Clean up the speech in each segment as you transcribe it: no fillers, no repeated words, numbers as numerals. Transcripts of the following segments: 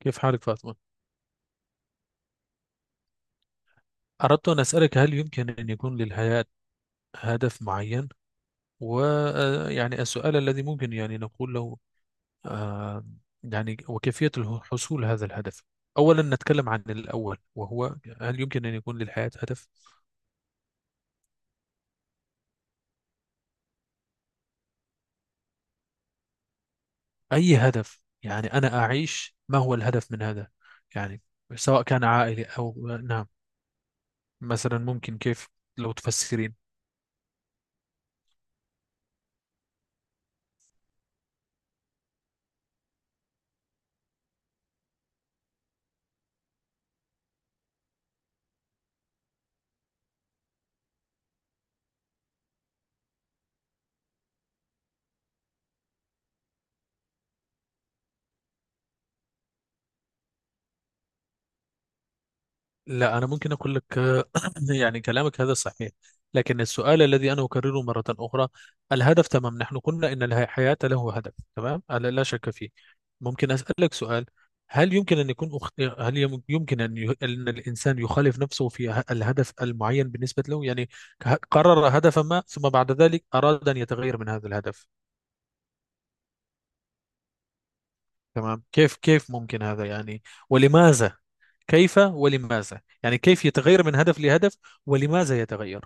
كيف حالك فاطمة؟ أردت أن أسألك، هل يمكن أن يكون للحياة هدف معين؟ ويعني السؤال الذي ممكن يعني نقول له، آه، يعني وكيفية حصول هذا الهدف؟ أولا نتكلم عن الأول، وهو هل يمكن أن يكون للحياة هدف؟ أي هدف، يعني أنا أعيش ما هو الهدف من هذا؟ يعني سواء كان عائلي أو نعم. مثلا ممكن كيف لو تفسرين؟ لا، أنا ممكن أقول لك، يعني كلامك هذا صحيح، لكن السؤال الذي أنا أكرره مرة أخرى، الهدف تمام، نحن قلنا أن الحياة له هدف تمام، لا لا شك فيه. ممكن أسألك سؤال؟ هل يمكن أن يكون هل يمكن أن الإنسان يخالف نفسه في الهدف المعين بالنسبة له؟ يعني قرر هدفا ما، ثم بعد ذلك أراد أن يتغير من هذا الهدف. تمام. كيف ممكن هذا؟ يعني ولماذا؟ كيف ولماذا؟ يعني كيف يتغير من هدف لهدف، ولماذا يتغير؟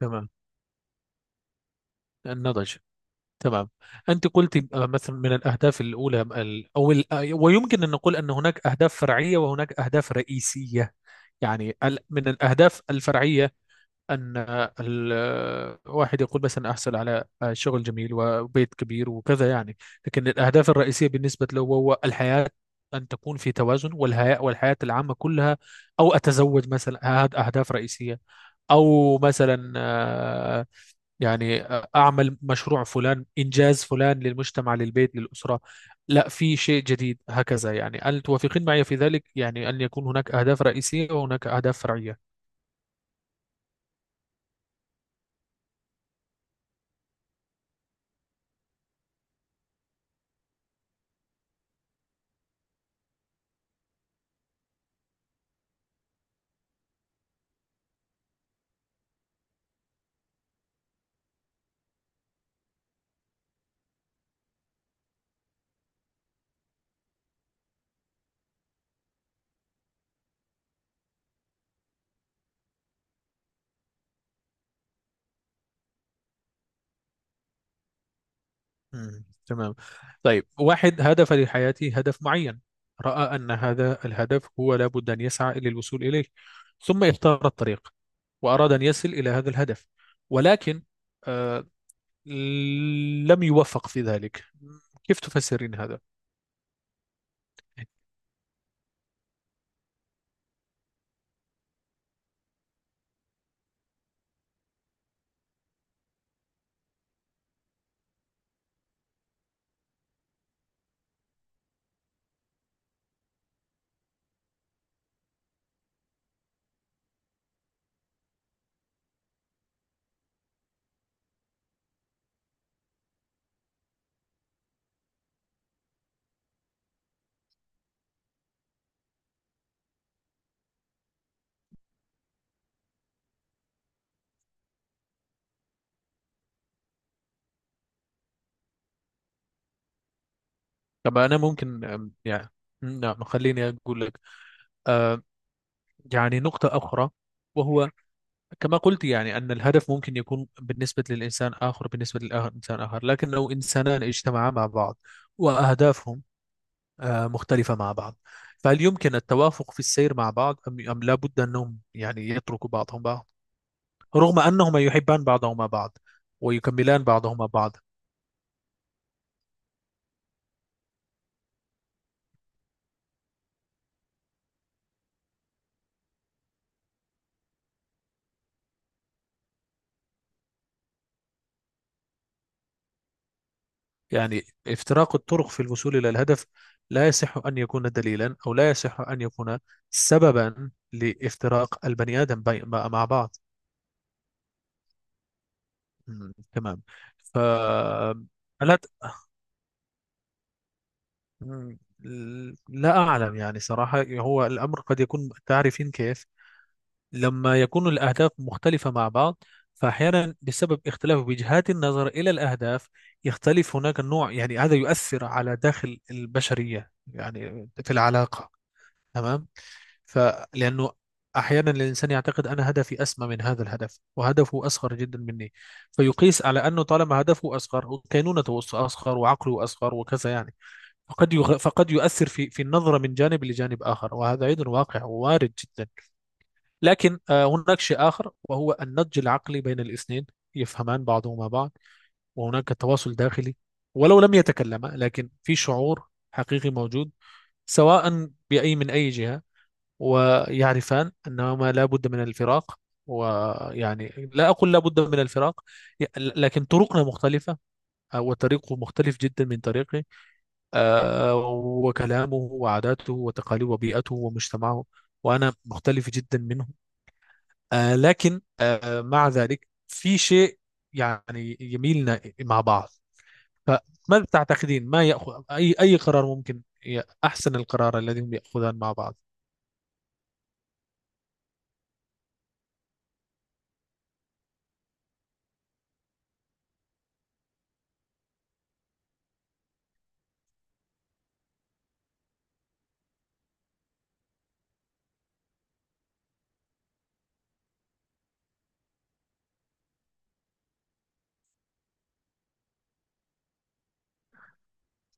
تمام. النضج. تمام. أنت قلت مثلا من الأهداف الأولى ال- أو ال- آه، ويمكن أن نقول أن هناك أهداف فرعية وهناك أهداف رئيسية. يعني من الأهداف الفرعية أن واحد يقول مثلا أحصل على شغل جميل وبيت كبير وكذا، يعني. لكن الأهداف الرئيسية بالنسبة له هو الحياة، أن تكون في توازن، والحياة والحياة العامة كلها، أو أتزوج مثلا، هذه أهداف رئيسية، أو مثلا يعني أعمل مشروع فلان، إنجاز فلان، للمجتمع للبيت للأسرة، لا في شيء جديد هكذا. يعني هل توافقين معي في ذلك، يعني أن يكون هناك أهداف رئيسية وهناك أهداف فرعية؟ مم. تمام. طيب واحد هدف لحياته، هدف معين، رأى أن هذا الهدف هو لابد أن يسعى للوصول إليه، ثم اختار الطريق، وأراد أن يصل إلى هذا الهدف، ولكن آه لم يوفق في ذلك. كيف تفسرين هذا؟ طب أنا ممكن يعني نعم، خليني أقول لك آه، يعني نقطة أخرى، وهو كما قلت يعني أن الهدف ممكن يكون بالنسبة للإنسان آخر، بالنسبة للإنسان آخر، لكن لو إنسانان اجتمعا مع بعض، وأهدافهم مختلفة مع بعض، فهل يمكن التوافق في السير مع بعض، أم لا بد أنهم يعني يتركوا بعضهم بعض، رغم أنهما يحبان بعضهما بعض، ويكملان بعضهما بعض؟ يعني افتراق الطرق في الوصول إلى الهدف لا يصح أن يكون دليلا، أو لا يصح أن يكون سببا لافتراق البني آدم مع مع بعض. مم، تمام. ف لا ت- مم، لا أعلم، يعني صراحة هو الأمر قد يكون، تعرفين كيف، لما يكون الأهداف مختلفة مع بعض، فأحيانا بسبب اختلاف وجهات النظر إلى الأهداف يختلف هناك النوع، يعني هذا يؤثر على داخل البشرية، يعني في العلاقة. تمام. فلأنه أحيانا الإنسان يعتقد أنا هدفي أسمى من هذا الهدف، وهدفه أصغر جدا مني، فيقيس على أنه طالما هدفه أصغر وكينونته أصغر وعقله أصغر وكذا، يعني فقد يؤثر في النظرة من جانب لجانب آخر، وهذا أيضا واقع ووارد جدا. لكن هناك شيء آخر، وهو النضج العقلي بين الاثنين، يفهمان بعضهما بعض، وهناك تواصل داخلي، ولو لم يتكلما، لكن في شعور حقيقي موجود، سواء بأي من أي جهة، ويعرفان أنهما لا بد من الفراق، ويعني لا أقول لا بد من الفراق، لكن طرقنا مختلفة، وطريقه مختلف جدا من طريقي، آه، وكلامه وعاداته وتقاليده وبيئته ومجتمعه، وأنا مختلف جدا منه. لكن مع ذلك في شيء يعني يميلنا مع بعض. فماذا تعتقدين، ما يأخذ أي قرار ممكن، أحسن القرار الذي هم يأخذان مع بعض؟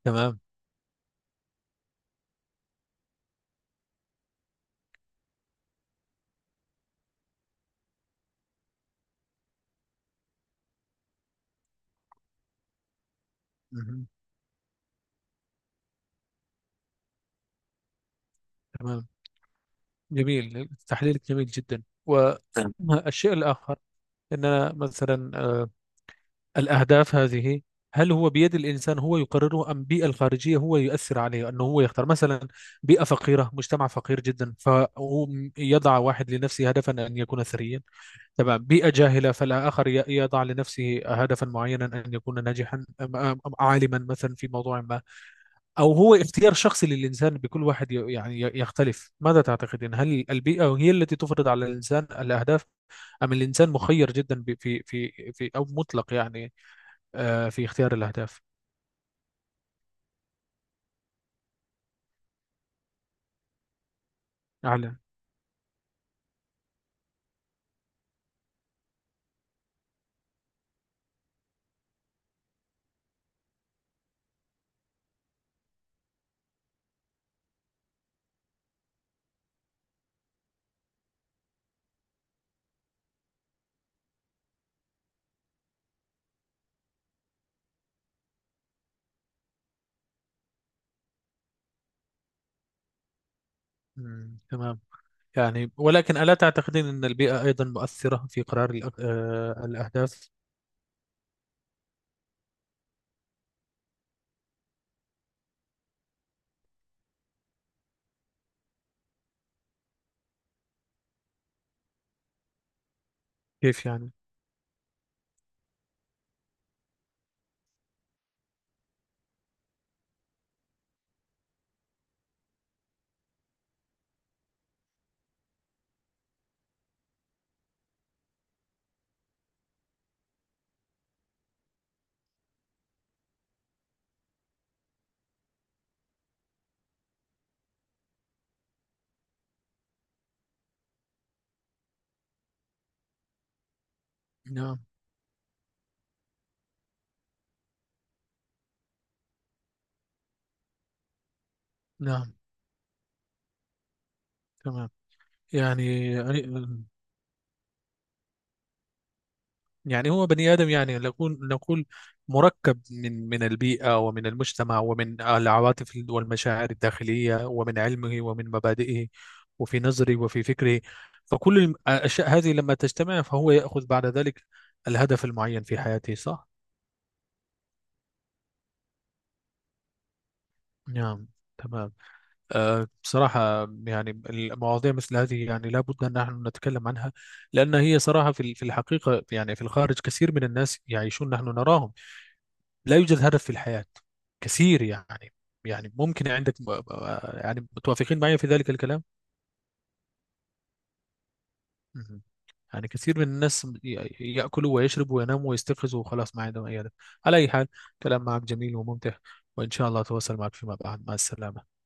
تمام. مهم. تمام. جميل، تحليلك جميل جدا. تمام. والشيء الآخر، أننا مثلا الأهداف هذه، هل هو بيد الإنسان هو يقرره، أم البيئة الخارجية هو يؤثر عليه؟ أنه هو يختار مثلا بيئة فقيرة، مجتمع فقير جدا، فهو يضع واحد لنفسه هدفا أن يكون ثريا، تمام. بيئة جاهلة، فالآخر يضع لنفسه هدفا معينا أن يكون ناجحا أم عالما مثلا في موضوع ما، أو هو اختيار شخصي للإنسان، بكل واحد يختلف. ماذا تعتقدين، هل البيئة هي التي تفرض على الإنسان الأهداف، أم الإنسان مخير جدا في أو مطلق، يعني في اختيار الأهداف؟ أعلى. مم، تمام. يعني ولكن ألا تعتقدين أن البيئة أيضا مؤثرة في قرار الأهداف؟ كيف يعني؟ نعم. نعم. تمام. يعني يعني هو بني آدم، يعني نقول نقول مركب من من البيئة ومن المجتمع ومن العواطف والمشاعر الداخلية ومن علمه ومن مبادئه، وفي نظره وفي فكره، فكل الأشياء هذه لما تجتمع فهو يأخذ بعد ذلك الهدف المعين في حياته، صح؟ نعم. تمام. أه بصراحة يعني المواضيع مثل هذه يعني لابد أن نحن نتكلم عنها، لأن هي صراحة في في الحقيقة يعني في الخارج كثير من الناس يعيشون نحن نراهم لا يوجد هدف في الحياة، كثير، يعني يعني ممكن عندك يعني متوافقين معي في ذلك الكلام. مهم. يعني كثير من الناس يأكلوا ويشربوا ويناموا ويستيقظوا، وخلاص ما عندهم أي هدف. على أي حال، كلام معك جميل وممتع، وإن شاء الله أتواصل معك فيما بعد. مع السلامة.